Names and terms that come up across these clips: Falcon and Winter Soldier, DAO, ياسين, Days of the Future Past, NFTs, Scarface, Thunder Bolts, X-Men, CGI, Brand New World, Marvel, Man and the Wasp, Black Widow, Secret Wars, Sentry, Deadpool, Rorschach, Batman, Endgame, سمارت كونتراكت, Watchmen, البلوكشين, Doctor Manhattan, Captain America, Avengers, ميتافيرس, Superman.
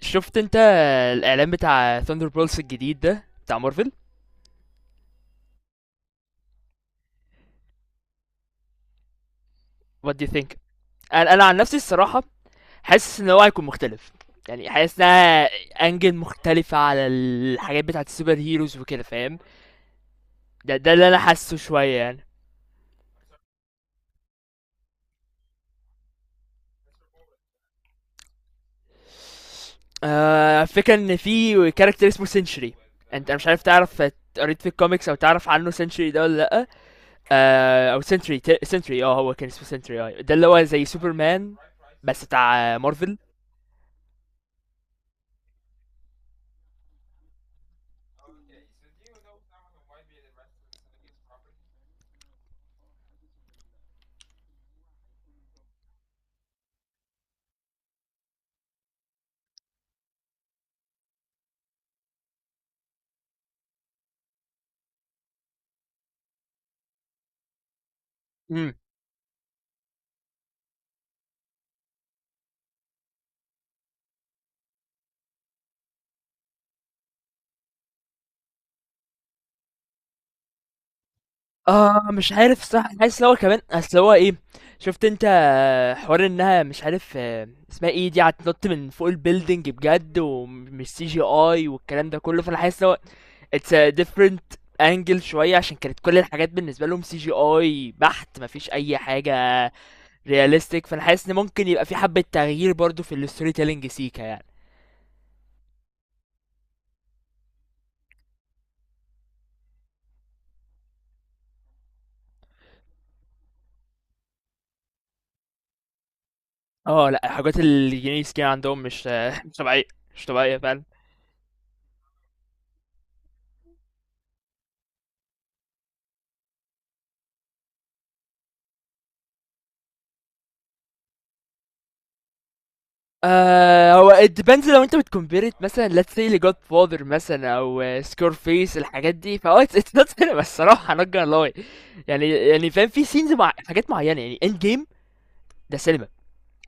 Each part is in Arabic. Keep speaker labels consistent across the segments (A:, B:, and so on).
A: شفت انت الاعلان بتاع ثاندر بولس الجديد ده بتاع مارفل. وات دو يو ثينك؟ انا عن نفسي الصراحه حاسس ان هو هيكون مختلف، يعني حاسس انها انجل مختلفه على الحاجات بتاعت السوبر هيروز وكده فاهم. ده اللي انا حاسه شويه يعني. آه، فكرة ان في كاركتر اسمه سنشري. انت مش عارف تعرف قريت في الكوميكس او تعرف عنه سنشري ده ولا لا. آه، او سنشري، هو كان اسمه سنشري، آه ده اللي هو زي سوبرمان بس بتاع مارفل. امم آه مش عارف الصراحة، أنا حاسس إن هو كمان أصل هو إيه. شُفت أنت حوار إنها مش عارف اسمها إيه دي، هتنط من فوق الbuilding بجد ومش CGI والكلام ده كلّه. فأنا حاسس إن هو it's a different angle شوية، عشان كانت كل الحاجات بالنسبة لهم CGI بحت، ما فيش أي حاجة realistic. فأنا حاسس إن ممكن يبقى في حبّة تغيير برضه في الstory telling سيكا يعني. آه لأ، الحاجات الجنائية سيكا عندهم مش مش طبيعية، مش طبيعية فعلًا. آه، هو it depends، لو انت بتكمبيرت مثلا let's say لجود فاذر مثلا او سكور فيس الحاجات دي، فهو it's not cinema الصراحة، not gonna lie. يعني فاهم في سينز مع حاجات معينة، يعني end game ده سينما.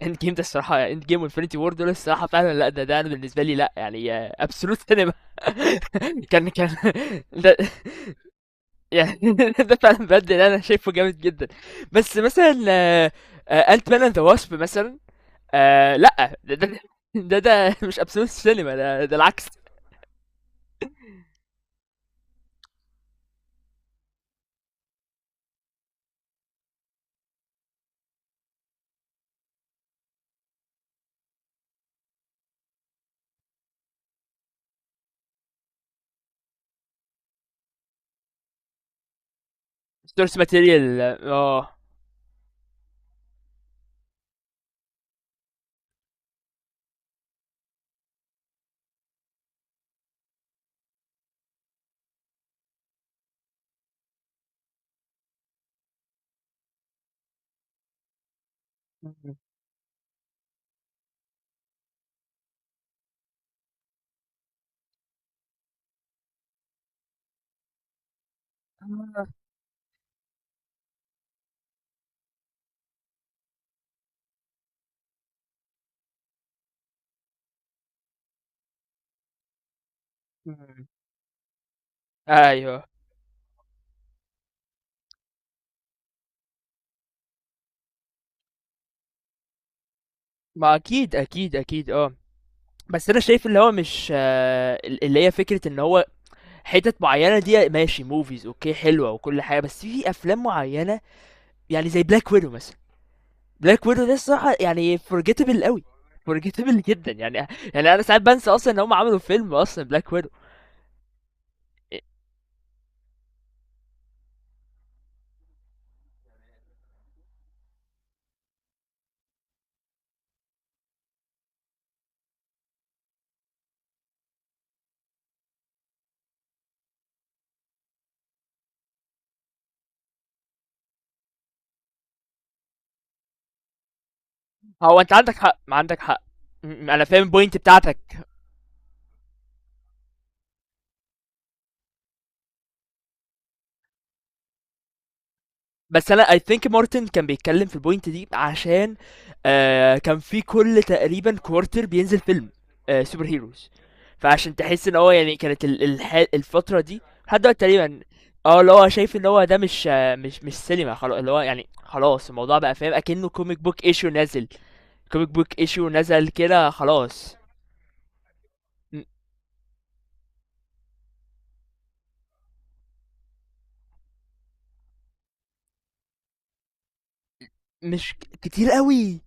A: end game ده الصراحة، end game وانفينيتي وور دول الصراحة فعلا لا، ده انا بالنسبة لي لا يعني، absolute سينما. كان ده يعني ده فعلا بجد اللي انا شايفه جامد جدا. بس مثلا انت مان اند ذا واسب مثلا، آه لا ده مش ابسولوت سينما، ده العكس. سورس ماتيريال اه. ايوه ما اكيد اه. بس انا شايف اللي هو مش، اللي هي فكره ان هو حتت معينه دي ماشي موفيز اوكي حلوه وكل حاجه، بس في افلام معينه، يعني زي بلاك ويدو مثلا. بلاك ويدو ده الصراحه يعني فورجيتبل قوي، فورجيتبل جدا يعني. يعني انا ساعات بنسى اصلا ان هم عملوا فيلم اصلا بلاك ويدو. هو انت عندك حق، ما عندك حق. انا فاهم البوينت بتاعتك. بس انا اي ثينك مارتن كان بيتكلم في البوينت دي، عشان كان في كل تقريبا كوارتر بينزل فيلم، سوبر هيروز. فعشان تحس ان هو يعني كانت الفتره دي لحد دلوقتي تقريبا، اه اللي هو شايف ان هو ده مش مش سينما خلاص، اللي هو يعني خلاص الموضوع بقى فاهم اكنه كوميك بوك ايشو نزل، كوميك بوك ايشو نزل كده خلاص. م- مش ك- كتير قوي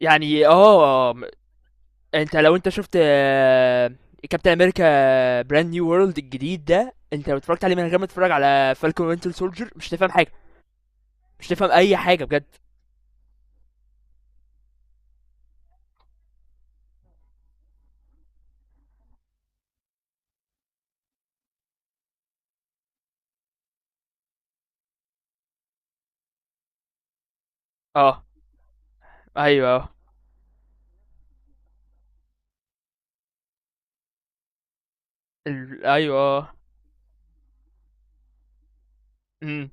A: يعني اه. انت لو انت شفت كابتن امريكا براند نيو وورلد الجديد ده، انت لو اتفرجت عليه من غير ما تتفرج على فالكون وينتر سولجر مش تفهم حاجه، مش تفهم اي حاجه بجد. اه ايوه. ال... ايوه. امم.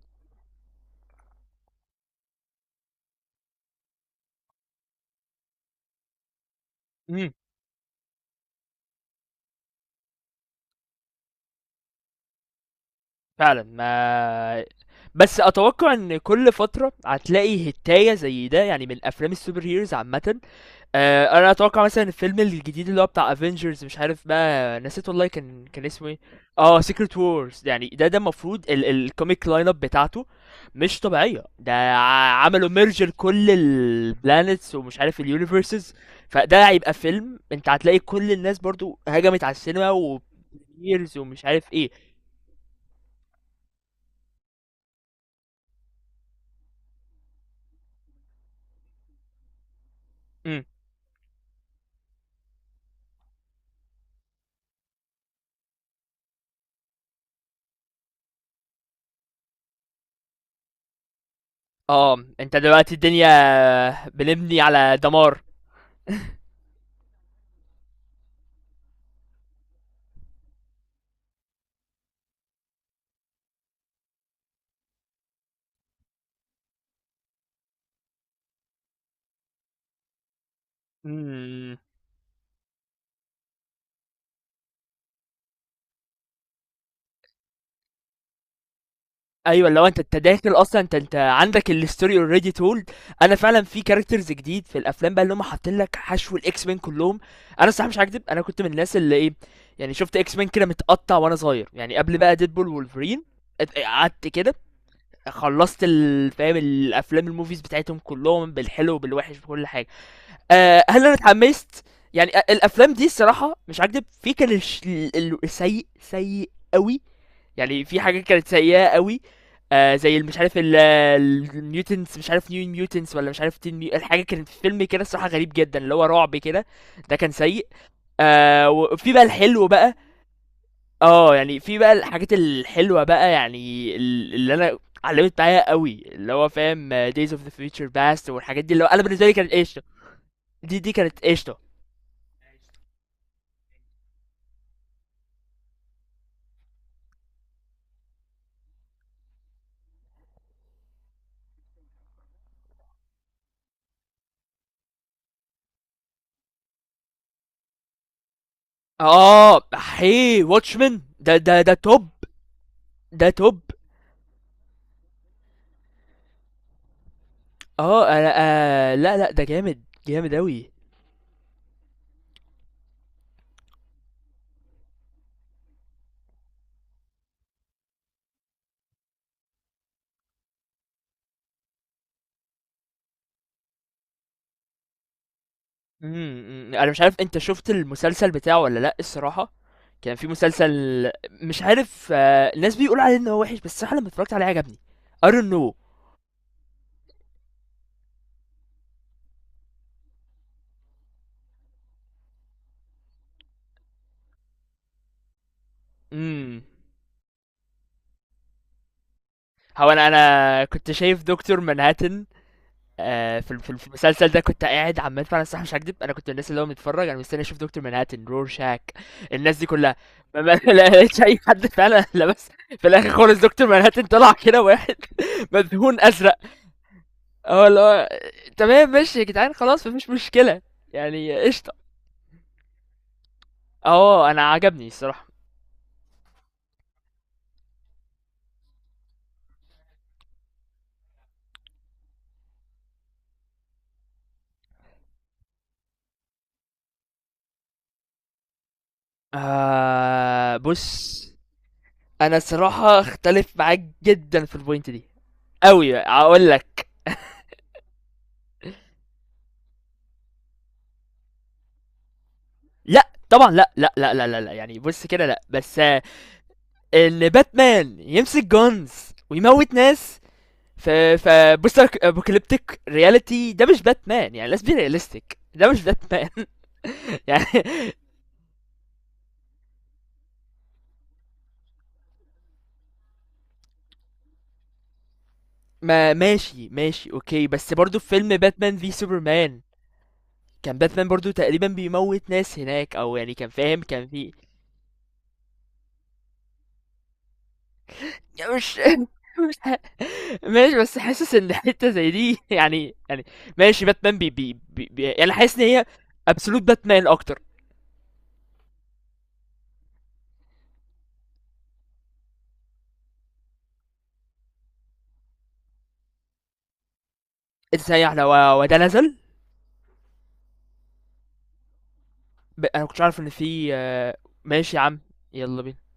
A: امم. فعلا ما. بس اتوقع ان كل فتره هتلاقي هتايه زي ده يعني، من افلام السوبر هيروز عامه. انا اتوقع مثلا الفيلم الجديد اللي هو بتاع افنجرز، مش عارف بقى نسيت والله كان اسمه ايه. اه سيكريت وورز، يعني ده ده المفروض الكوميك لاين اب بتاعته مش طبيعيه. عملوا ميرجر كل البلانيتس ومش عارف اليونيفرسز. فده هيبقى فيلم انت هتلاقي كل الناس برضو هجمت على السينما وبريميرز ومش عارف ايه. امم. اه انت دلوقتي الدنيا بنبني على دمار. مم. ايوه، لو انت داخل اصلا، انت عندك الاستوري اوريدي تولد. انا فعلا في كاركترز جديد في الافلام بقى اللي هم حاطين لك حشو، الاكس مين كلهم. انا الصراحه مش هكدب، انا كنت من الناس اللي ايه، يعني شفت اكس مين كده متقطع وانا صغير، يعني قبل بقى ديدبول وولفرين. قعدت كده، خلصت فاهم الافلام الموفيز بتاعتهم كلهم بالحلو وبالوحش بكل حاجه. أه هل انا اتحمست؟ الافلام دي الصراحه مش هكدب، في كان السيء سيء قوي، يعني في حاجات كانت سيئة قوي. آه زي مش عارف الميوتنتس، مش عارف نيو ميوتنتس ولا مش عارف الحاجة كانت في فيلم كده الصراحة غريب جدا اللي هو رعب كده، ده كان سيء. آه وفي بقى الحلو بقى، اه يعني في بقى الحاجات الحلوة بقى، يعني اللي انا علمت معايا قوي، اللي هو فاهم Days of the Future Past والحاجات دي، اللي هو انا بالنسبة لي كانت قشطة. دي دي كانت قشطة. اه هي واتشمان ده توب، ده توب. اه انا، لا ده جامد اوي. إمم، إمم، أنا مش عارف أنت شُفت المسلسل بتاعه والّا لأ الصراحة. كان في مسلسل، مش عارف الناس بيقولوا عليه إن هو وِحِش، بس الصراحة لمّا اتفرّجت عليه عجبني. I don't know. إمم، هو أنا كنت شايف دكتور مانهاتن، في ال في ال في المسلسل ده كنت قاعد عمّال. فعلًا الصراحة مش هاكدب، أنا كنت من الناس اللي هو متفرّج أنا مستني أشوف دكتور مانهاتن، رورشاك، الناس دي كلّها. ما ما لا لقيتش أي حد فعلًا لبس. في الآخر خالص دكتور مانهاتن طلع كده واحد مدهون أزرق. هو اللي هو تمام ماشي يا جدعان، خلاص مفيش مشكلة، يعني قشطة. اه انا عجبني الصراحة. آه بص، انا الصراحة اختلف معاك جدا في البوينت دي قوي اقول لك. لا طبعا، لا. يعني بص كده، لا بس ان باتمان يمسك جونز ويموت ناس في في بوست ابوكاليبتيك رياليتي، ده مش باتمان، يعني let's be realistic، ده مش باتمان يعني. ما ماشي اوكي، بس برضو في فيلم باتمان في سوبرمان كان باتمان برضو تقريبا بيموت ناس هناك، او يعني كان فاهم كان في. مش مش ه- ماشي، بس حاسس ان حتة زي دي يعني يعني ماشي، باتمان بي بي, بي, بي يعني حاسس ان هي ابسولوت باتمان اكتر. ازاي احنا وده نزل؟ انا كنتش عارف ان في ماشي يا عم، يلا بينا.